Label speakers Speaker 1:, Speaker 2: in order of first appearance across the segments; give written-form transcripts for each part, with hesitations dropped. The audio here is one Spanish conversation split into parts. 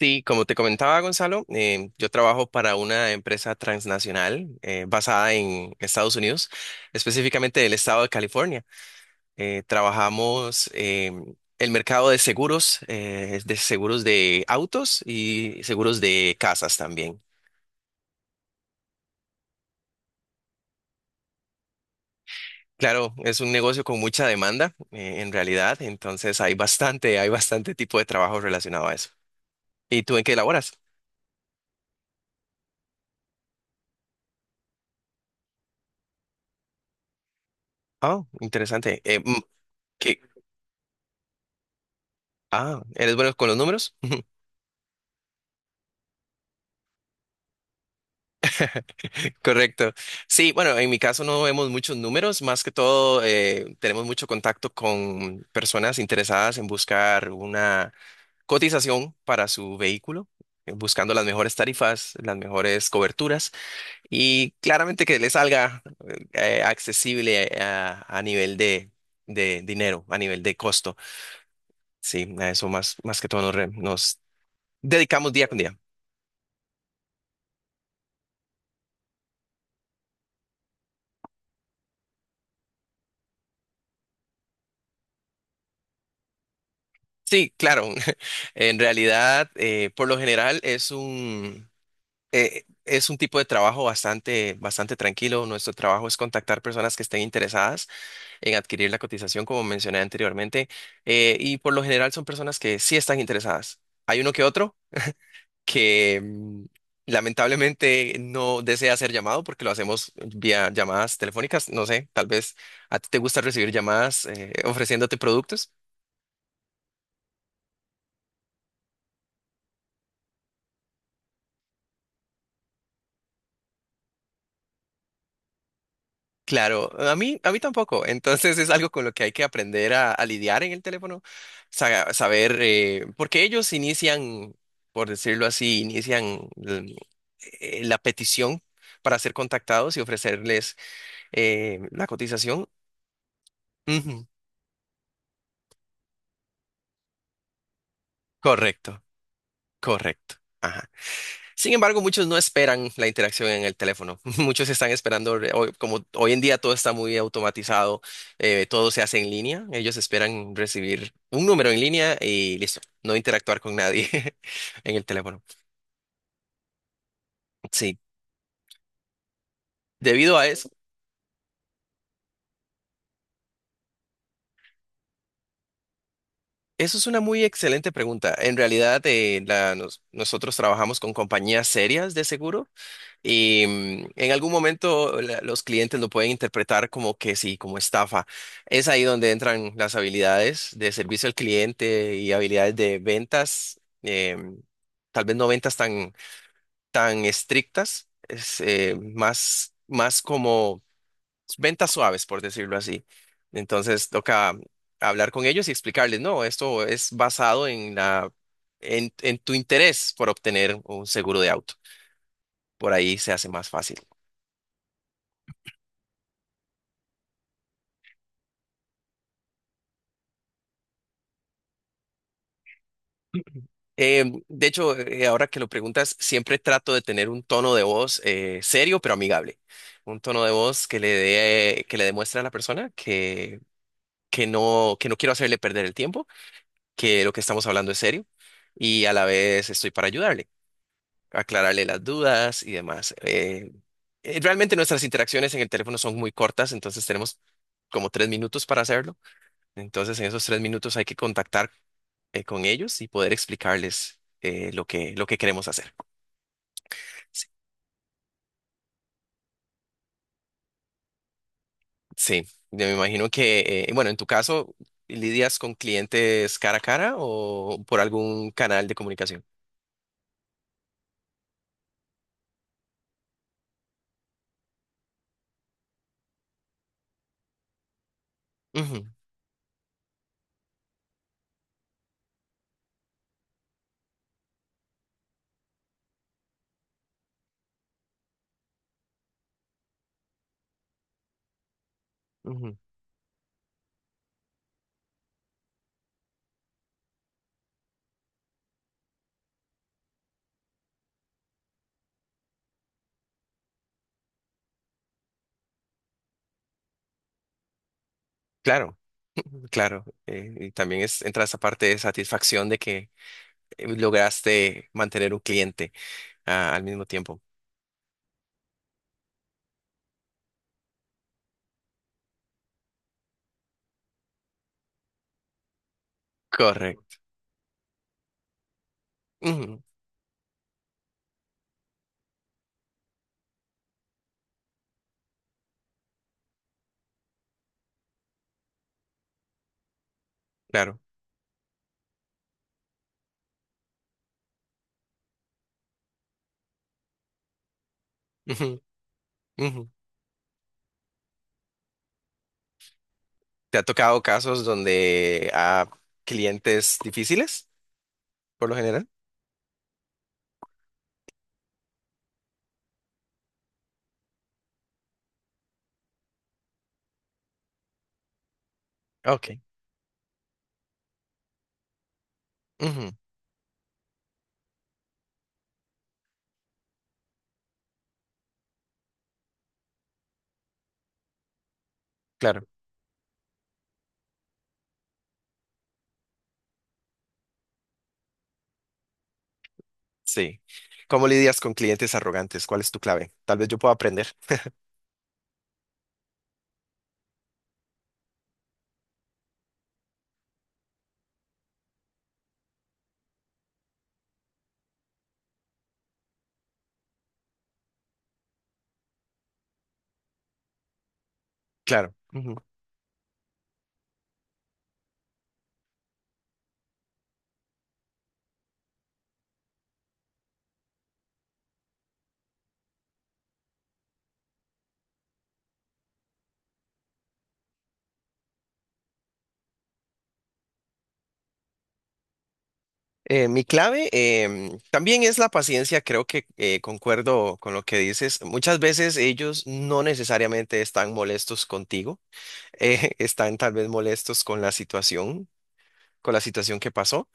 Speaker 1: Sí, como te comentaba Gonzalo, yo trabajo para una empresa transnacional basada en Estados Unidos, específicamente del estado de California. Trabajamos el mercado de seguros, de seguros de autos y seguros de casas también. Claro, es un negocio con mucha demanda en realidad, entonces hay bastante tipo de trabajo relacionado a eso. ¿Y tú en qué laboras? Ah, interesante. ¿Qué? Ah, ¿eres bueno con los números? Correcto. Sí, bueno, en mi caso no vemos muchos números, más que todo tenemos mucho contacto con personas interesadas en buscar una cotización para su vehículo, buscando las mejores tarifas, las mejores coberturas y claramente que le salga accesible a nivel de dinero, a nivel de costo. Sí, a eso más, más que todo nos, nos dedicamos día con día. Sí, claro. En realidad, por lo general es un tipo de trabajo bastante, bastante tranquilo. Nuestro trabajo es contactar personas que estén interesadas en adquirir la cotización, como mencioné anteriormente, y por lo general son personas que sí están interesadas. Hay uno que otro que lamentablemente no desea ser llamado porque lo hacemos vía llamadas telefónicas. No sé, tal vez a ti te gusta recibir llamadas ofreciéndote productos. Claro, a mí tampoco. Entonces es algo con lo que hay que aprender a lidiar en el teléfono, saber, porque ellos inician, por decirlo así, inician la petición para ser contactados y ofrecerles la cotización. Ujú. Correcto, correcto. Ajá. Sin embargo, muchos no esperan la interacción en el teléfono. Muchos están esperando, como hoy en día todo está muy automatizado, todo se hace en línea. Ellos esperan recibir un número en línea y listo, no interactuar con nadie en el teléfono. Sí, debido a eso, eso es una muy excelente pregunta. En realidad, nosotros trabajamos con compañías serias de seguros. Y en algún momento los clientes lo pueden interpretar como que sí, como estafa. Es ahí donde entran las habilidades de servicio al cliente y habilidades de ventas, tal vez no ventas tan, tan estrictas, es, más, más como ventas suaves, por decirlo así. Entonces toca hablar con ellos y explicarles, no, esto es basado en la, en tu interés por obtener un seguro de auto. Por ahí se hace más fácil. De hecho, ahora que lo preguntas, siempre trato de tener un tono de voz serio pero amigable. Un tono de voz que le dé, que le demuestre a la persona que no quiero hacerle perder el tiempo, que lo que estamos hablando es serio y a la vez estoy para ayudarle, aclararle las dudas y demás. Realmente nuestras interacciones en el teléfono son muy cortas, entonces tenemos como tres minutos para hacerlo. Entonces, en esos tres minutos hay que contactar con ellos y poder explicarles lo que queremos hacer. Sí, sí, yo me imagino que, bueno, en tu caso, ¿lidias con clientes cara a cara o por algún canal de comunicación? Ujú, ujú. Claro, claro. Y también es, entra esa parte de satisfacción de que lograste mantener un cliente ah, al mismo tiempo. Correcto. Ujú, claro. Ujú, ujú. ¿Te ha tocado casos donde a clientes difíciles, por lo general? Ok. Ujú, claro, sí. ¿Cómo lidias con clientes arrogantes? ¿Cuál es tu clave? Tal vez yo pueda aprender. Claro, ujú. Mi clave también es la paciencia. Creo que concuerdo con lo que dices. Muchas veces ellos no necesariamente están molestos contigo, están tal vez molestos con la situación que pasó,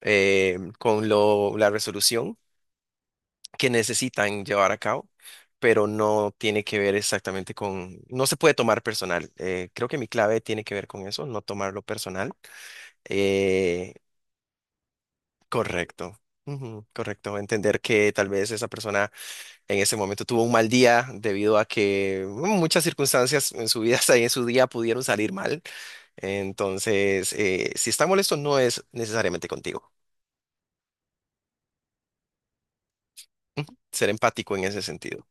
Speaker 1: con lo, la resolución que necesitan llevar a cabo, pero no tiene que ver exactamente con, no se puede tomar personal. Creo que mi clave tiene que ver con eso, no tomarlo personal. Eh, correcto. Ujú, correcto, entender que tal vez esa persona en ese momento tuvo un mal día debido a que muchas circunstancias en su vida, en su día pudieron salir mal. Entonces, si está molesto, no es necesariamente contigo. Ujú, ser empático en ese sentido.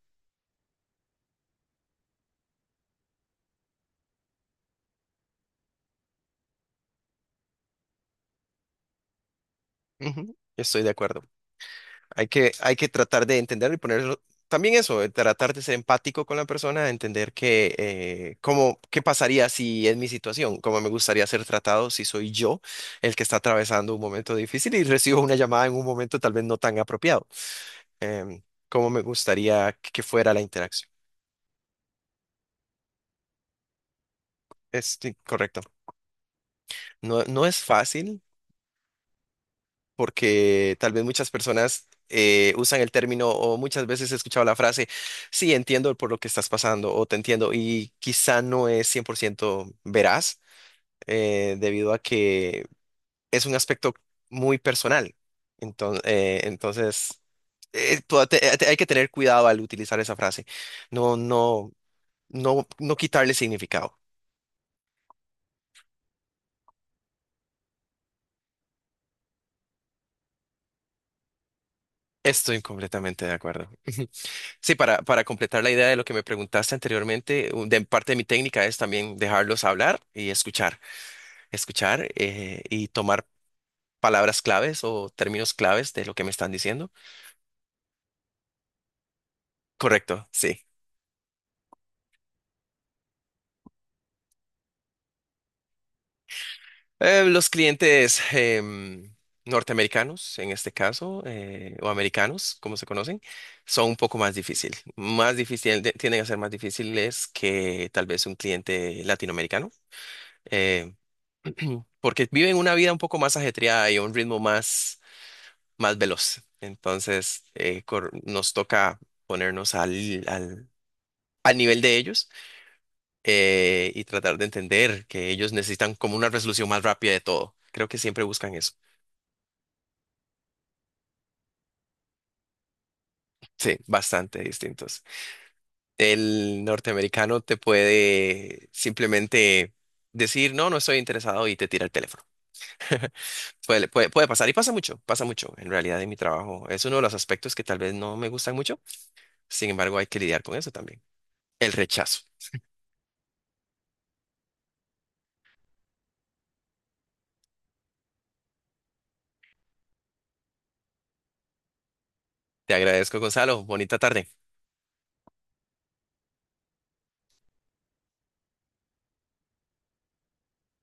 Speaker 1: Ujú, estoy de acuerdo. Hay que tratar de entender y poner también eso, de tratar de ser empático con la persona, de entender que, cómo, qué pasaría si es mi situación, cómo me gustaría ser tratado si soy yo el que está atravesando un momento difícil y recibo una llamada en un momento tal vez no tan apropiado. Em, cómo me gustaría que fuera la interacción. Es sí, correcto. No, no es fácil, porque tal vez muchas personas usan el término o muchas veces he escuchado la frase, sí, entiendo por lo que estás pasando o te entiendo y quizá no es 100% veraz debido a que es un aspecto muy personal. Entonces, entonces, hay que tener cuidado al utilizar esa frase, no, no, no, no quitarle significado. Estoy completamente de acuerdo. Sí, para completar la idea de lo que me preguntaste anteriormente, de parte de mi técnica es también dejarlos hablar y escuchar, escuchar y tomar palabras claves o términos claves de lo que me están diciendo. Correcto, sí. Los clientes norteamericanos, en este caso, o americanos, como se conocen, son un poco más difícil, tienden a ser más difíciles que tal vez un cliente latinoamericano. Eh, porque viven una vida un poco más ajetreada y a un ritmo más, más veloz. Entonces, nos toca ponernos al nivel de ellos y tratar de entender que ellos necesitan como una resolución más rápida de todo. Creo que siempre buscan eso. Sí, bastante distintos. El norteamericano te puede simplemente decir, no, no estoy interesado y te tira el teléfono. Puede pasar y pasa mucho en realidad en mi trabajo. Es uno de los aspectos que tal vez no me gustan mucho. Sin embargo, hay que lidiar con eso también. El rechazo. Te agradezco, Gonzalo. Bonita tarde.